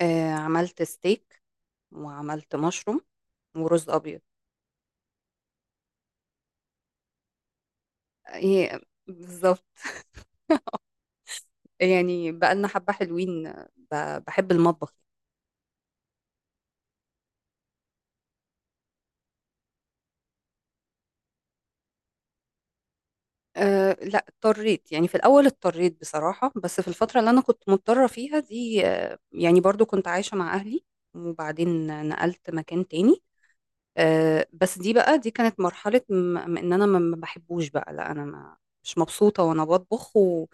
عملت ستيك وعملت مشروم ورز ابيض. ايه، بالظبط. يعني بقالنا حبه حلوين، بحب المطبخ. أه، لا اضطريت، يعني في الاول اضطريت بصراحه، بس في الفتره اللي انا كنت مضطره فيها دي، يعني برضو كنت عايشه مع اهلي، وبعدين نقلت مكان تاني. بس دي بقى، دي كانت مرحلة ان انا ما بحبوش بقى، لا انا ما مش مبسوطة وانا بطبخ و...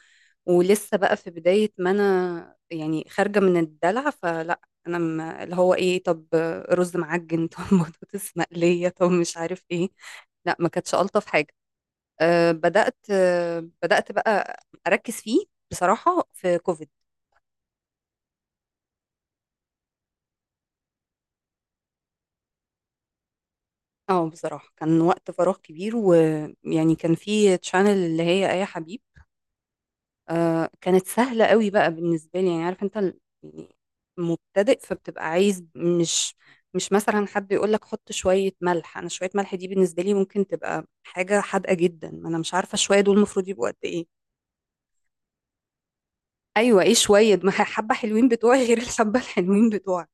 ولسه بقى في بداية ما انا، يعني خارجة من الدلع، فلا انا ما اللي هو ايه؟ طب رز معجن طب بطاطس مقلية، طب مش عارف ايه، لا ما كانتش ألطف حاجة. أه بدأت، أه بدأت بقى أركز فيه بصراحة في كوفيد. اه بصراحة كان وقت فراغ كبير، ويعني كان في تشانل اللي هي آية حبيب. آه كانت سهلة قوي بقى بالنسبة لي، يعني عارف يعني مبتدئ، فبتبقى عايز، مش مش مثلا حد يقول لك حط شوية ملح. انا شوية ملح دي بالنسبة لي ممكن تبقى حاجة حادقة جدا، ما انا مش عارفة شوية دول المفروض يبقوا قد ايه. ايوه ايه شوية ما هي حبة حلوين بتوعي غير الحبة الحلوين بتوعك.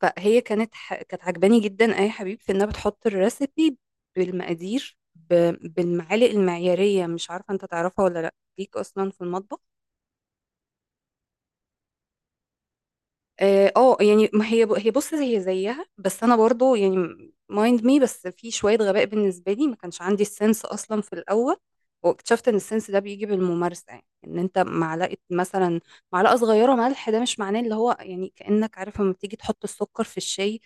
كانت عجباني جدا اي حبيب في انها بتحط الريسيبي بالمقادير ب... بالمعالق المعيارية. مش عارفة انت تعرفها ولا لا ليك اصلا في المطبخ. اه، يعني ما هي هي، بص هي زيها، بس انا برضو يعني مايند مي، بس في شويه غباء بالنسبه لي، ما كانش عندي السنس اصلا في الاول. واكتشفت ان السنس ده بيجي بالممارسه. يعني ان انت معلقه مثلا، معلقه صغيره ملح، ده مش معناه اللي هو يعني كانك عارف لما بتيجي تحط السكر في الشاي.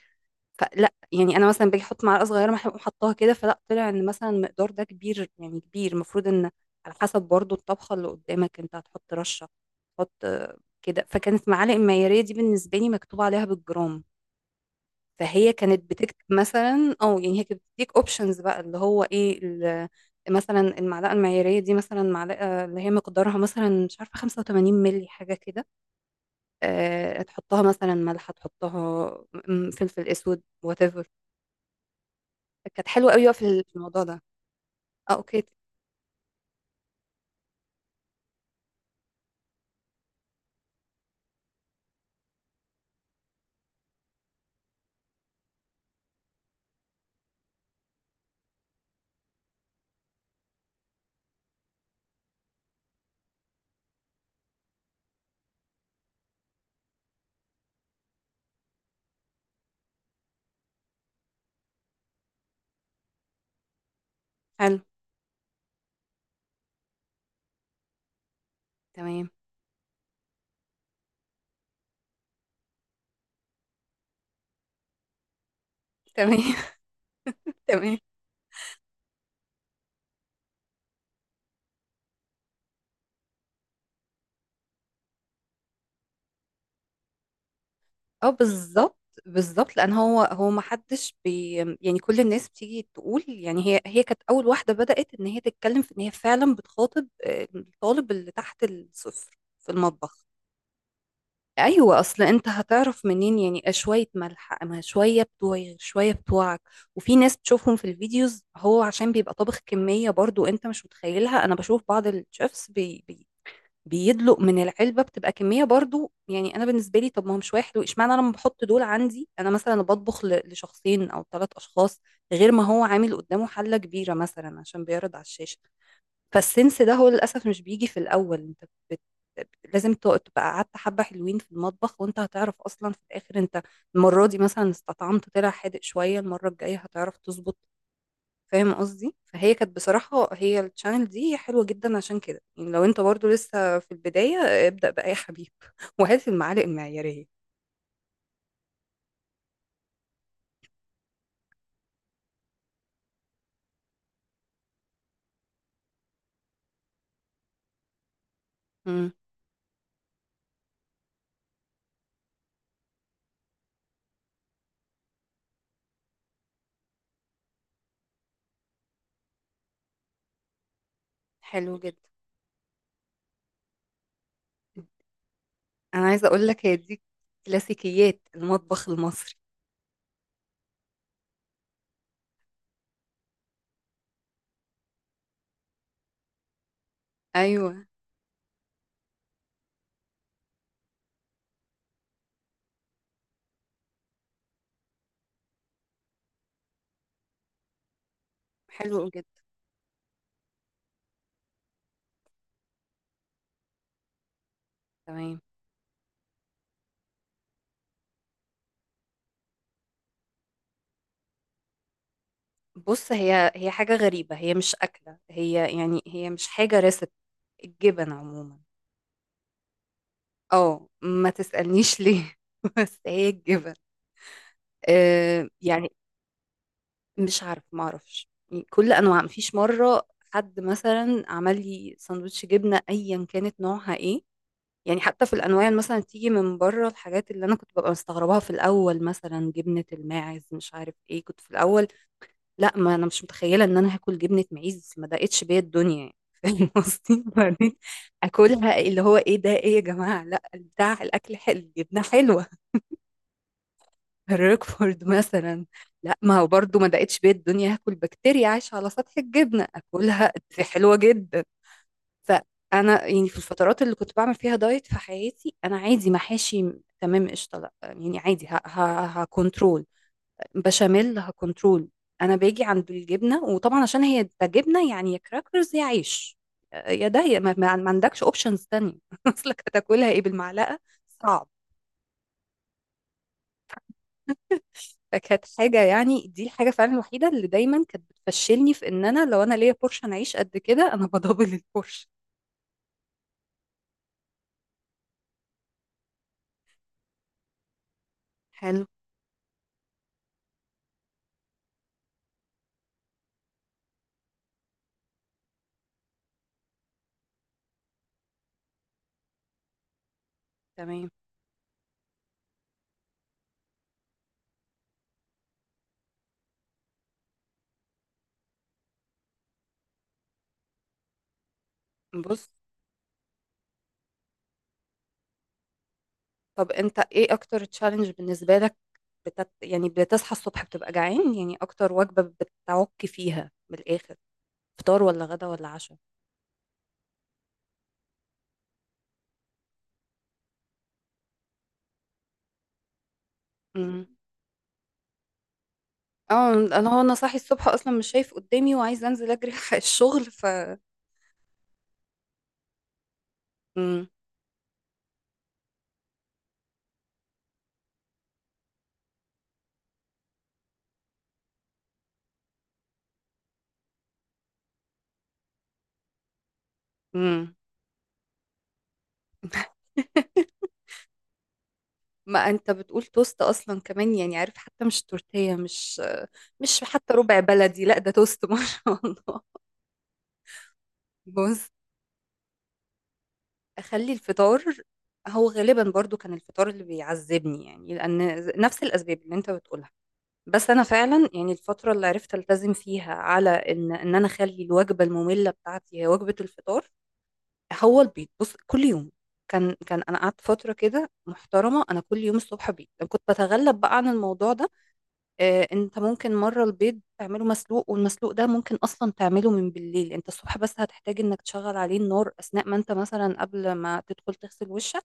فلا يعني انا مثلا باجي احط معلقه صغيره، ما أحب حطاها كده، فلا طلع ان مثلا المقدار ده كبير، يعني كبير. المفروض ان على حسب برضو الطبخه اللي قدامك، انت هتحط رشه، تحط كده. فكانت معالق المعياريه دي بالنسبه لي مكتوب عليها بالجرام. فهي كانت بتكتب مثلا، اه يعني هي كانت بتديك اوبشنز بقى اللي هو ايه مثلا المعلقه المعياريه دي، مثلا معلقه اللي هي مقدارها مثلا مش عارفه 85 مللي حاجه كده، أه تحطها مثلا ملح، تحطها فلفل اسود، whatever. كانت حلوة قوي بقى في في الموضوع ده. اه اوكي. حلو. تمام. تمام. تمام. اه بالظبط، بالظبط، لان هو هو ما حدش بي، يعني كل الناس بتيجي تقول، يعني هي هي كانت اول واحده بدات ان هي تتكلم في ان هي فعلا بتخاطب الطالب اللي تحت الصفر في المطبخ. ايوه اصل انت هتعرف منين يعني شويه ملح؟ اما شويه بتوعي شويه بتوعك. وفي ناس بتشوفهم في الفيديوز، هو عشان بيبقى طابخ كميه برضو انت مش متخيلها. انا بشوف بعض الشيفs بيدلق من العلبه، بتبقى كميه برضو. يعني انا بالنسبه لي، طب ما هو مش واحد، واشمعنى انا لما بحط دول عندي، انا مثلا بطبخ لشخصين او ثلاث اشخاص، غير ما هو عامل قدامه حله كبيره مثلا عشان بيعرض على الشاشه. فالسنس ده هو للاسف مش بيجي في الاول. انت بت... لازم تبقى قعدت حبه حلوين في المطبخ، وانت هتعرف اصلا في الاخر انت المره دي مثلا استطعمت، طلع حادق شويه، المره الجايه هتعرف تظبط. فاهم قصدي؟ فهي كانت بصراحة، هي الشانل دي حلوة جدا. عشان كده يعني لو انت برضو لسه في البداية، ابدأ بقى يا حبيب وهات المعالق المعيارية. امم. حلو جدا. انا عايزة اقول لك هي دي كلاسيكيات المطبخ المصري. ايوه. حلو جدا. تمام. بص هي هي حاجة غريبة، هي مش أكلة، هي يعني هي مش حاجة ريسبت، الجبن عموما. اه ما تسألنيش ليه بس هي الجبن. آه يعني مش عارف، ما اعرفش. يعني كل انواع، مفيش مره حد مثلا عمل لي سندوتش جبنه ايا كانت نوعها ايه. يعني حتى في الانواع اللي مثلا تيجي من بره، الحاجات اللي انا كنت ببقى مستغرباها في الاول، مثلا جبنه الماعز مش عارف ايه، كنت في الاول لا ما انا مش متخيله ان انا هاكل جبنه معيز، ما دقتش بيا الدنيا يعني فاهم قصدي؟ وبعدين اكلها اللي هو ايه ده، ايه يا جماعه؟ لا بتاع الاكل حلو، الجبنه حلوه. الريكفورد مثلا، لا ما هو برضو ما دقتش بيا الدنيا هاكل بكتيريا عايشة على سطح الجبنة. اكلها دي حلوة جدا. فانا يعني في الفترات اللي كنت بعمل فيها دايت في حياتي، انا عادي محاشي، تمام. قشطة، لا يعني عادي، هكنترول. بشاميل، هكنترول. انا باجي عند الجبنة، وطبعا عشان هي ده جبنة، يعني يا كراكرز يا عيش يا ده يا، ما عندكش اوبشنز تانية اصلك هتاكلها ايه؟ بالمعلقة؟ صعب. فكانت حاجة يعني، دي الحاجة فعلا الوحيدة اللي دايما كانت بتفشلني، في ان انا لو انا ليا بورشه انا اعيش قد كده، انا بدبل البورشه. حلو. تمام. بص، طب انت ايه اكتر تشالنج بالنسبة لك؟ بتت... يعني بتصحى الصبح بتبقى جعان؟ يعني اكتر وجبة بتعك فيها بالاخر، فطار ولا غدا ولا عشاء؟ امم. اه انا هو انا صاحي الصبح اصلا مش شايف قدامي، وعايز انزل اجري الحق الشغل ف. امم. امم. ما انت بتقول توست اصلا كمان، يعني عارف حتى مش تورتيه، مش مش حتى ربع بلدي، لا ده توست ما شاء الله. بص، اخلي الفطار. هو غالبا برضو كان الفطار اللي بيعذبني، يعني لان نفس الاسباب اللي انت بتقولها. بس انا فعلا يعني الفتره اللي عرفت التزم فيها على ان ان انا اخلي الوجبه الممله بتاعتي هي وجبه الفطار، هو البيض. بص كل يوم، كان كان انا قعدت فتره كده محترمه، انا كل يوم الصبح بيض. كنت بتغلب بقى عن الموضوع ده. انت ممكن مرة البيض تعمله مسلوق، والمسلوق ده ممكن اصلا تعمله من بالليل. انت الصبح بس هتحتاج انك تشغل عليه النار اثناء ما انت مثلا قبل ما تدخل تغسل وشك،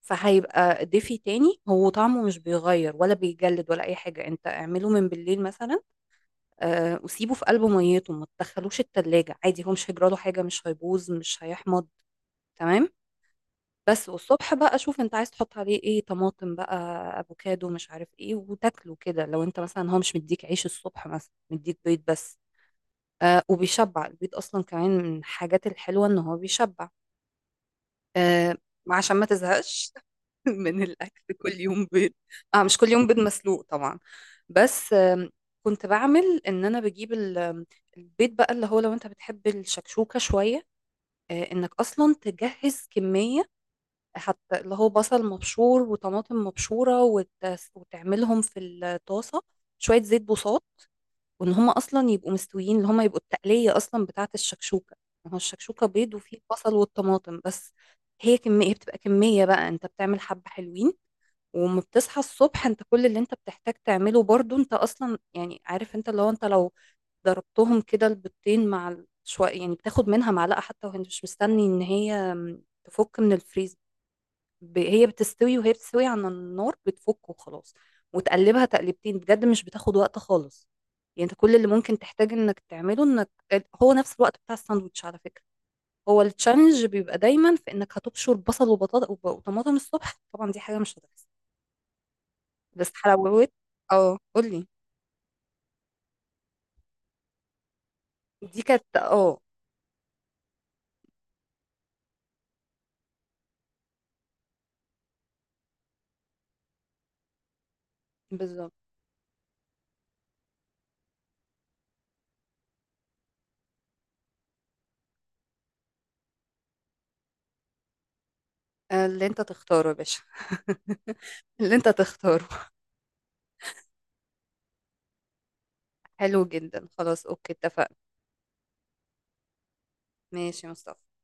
فهيبقى دافي تاني. هو طعمه مش بيغير، ولا بيجلد ولا اي حاجة. انت اعمله من بالليل مثلا، وسيبه في قلب ميته، ما تدخلوش التلاجة عادي، هو مش هيجراله حاجة، مش هيبوظ مش هيحمض. تمام. بس والصبح بقى شوف انت عايز تحط عليه ايه، طماطم بقى، افوكادو، مش عارف ايه، وتاكله كده. لو انت مثلا هو مش مديك عيش الصبح، مثلا مديك بيض بس، آه وبيشبع البيض اصلا كمان. من الحاجات الحلوه ان هو بيشبع، آه، عشان ما تزهقش من الاكل كل يوم بيض. اه مش كل يوم بيض مسلوق طبعا، بس كنت بعمل ان انا بجيب ال- آم، البيض بقى، اللي هو لو انت بتحب الشكشوكه شويه، آه انك اصلا تجهز كميه، حتى اللي هو بصل مبشور وطماطم مبشورة، وتعملهم في الطاسة شوية زيت بوصات، وان هما اصلا يبقوا مستويين، اللي هما يبقوا التقلية اصلا بتاعة الشكشوكة. ما هو الشكشوكة بيض وفيه البصل والطماطم بس. هي كمية بتبقى كمية بقى انت بتعمل حبة حلوين، وما بتصحى الصبح انت كل اللي انت بتحتاج تعمله، برضو انت اصلا يعني عارف انت لو انت لو ضربتهم كده البيضتين مع شوية، يعني بتاخد منها معلقة حتى وانت مش مستني ان هي تفك من الفريزر، ب... هي بتستوي، وهي بتستوي على النار بتفك وخلاص، وتقلبها تقلبتين بجد، مش بتاخد وقت خالص. يعني انت كل اللي ممكن تحتاج انك تعمله انك، هو نفس الوقت بتاع الساندوتش على فكرة. هو التشالنج بيبقى دايما في انك هتبشر بصل وبطاطا وطماطم الصبح، طبعا دي حاجة مش هتحصل. بس حلاوة. اه قولي. دي كانت اه بالظبط. اللي انت تختاره يا باشا اللي انت تختاره. حلو جدا خلاص، اوكي اتفقنا. ماشي يا مصطفى.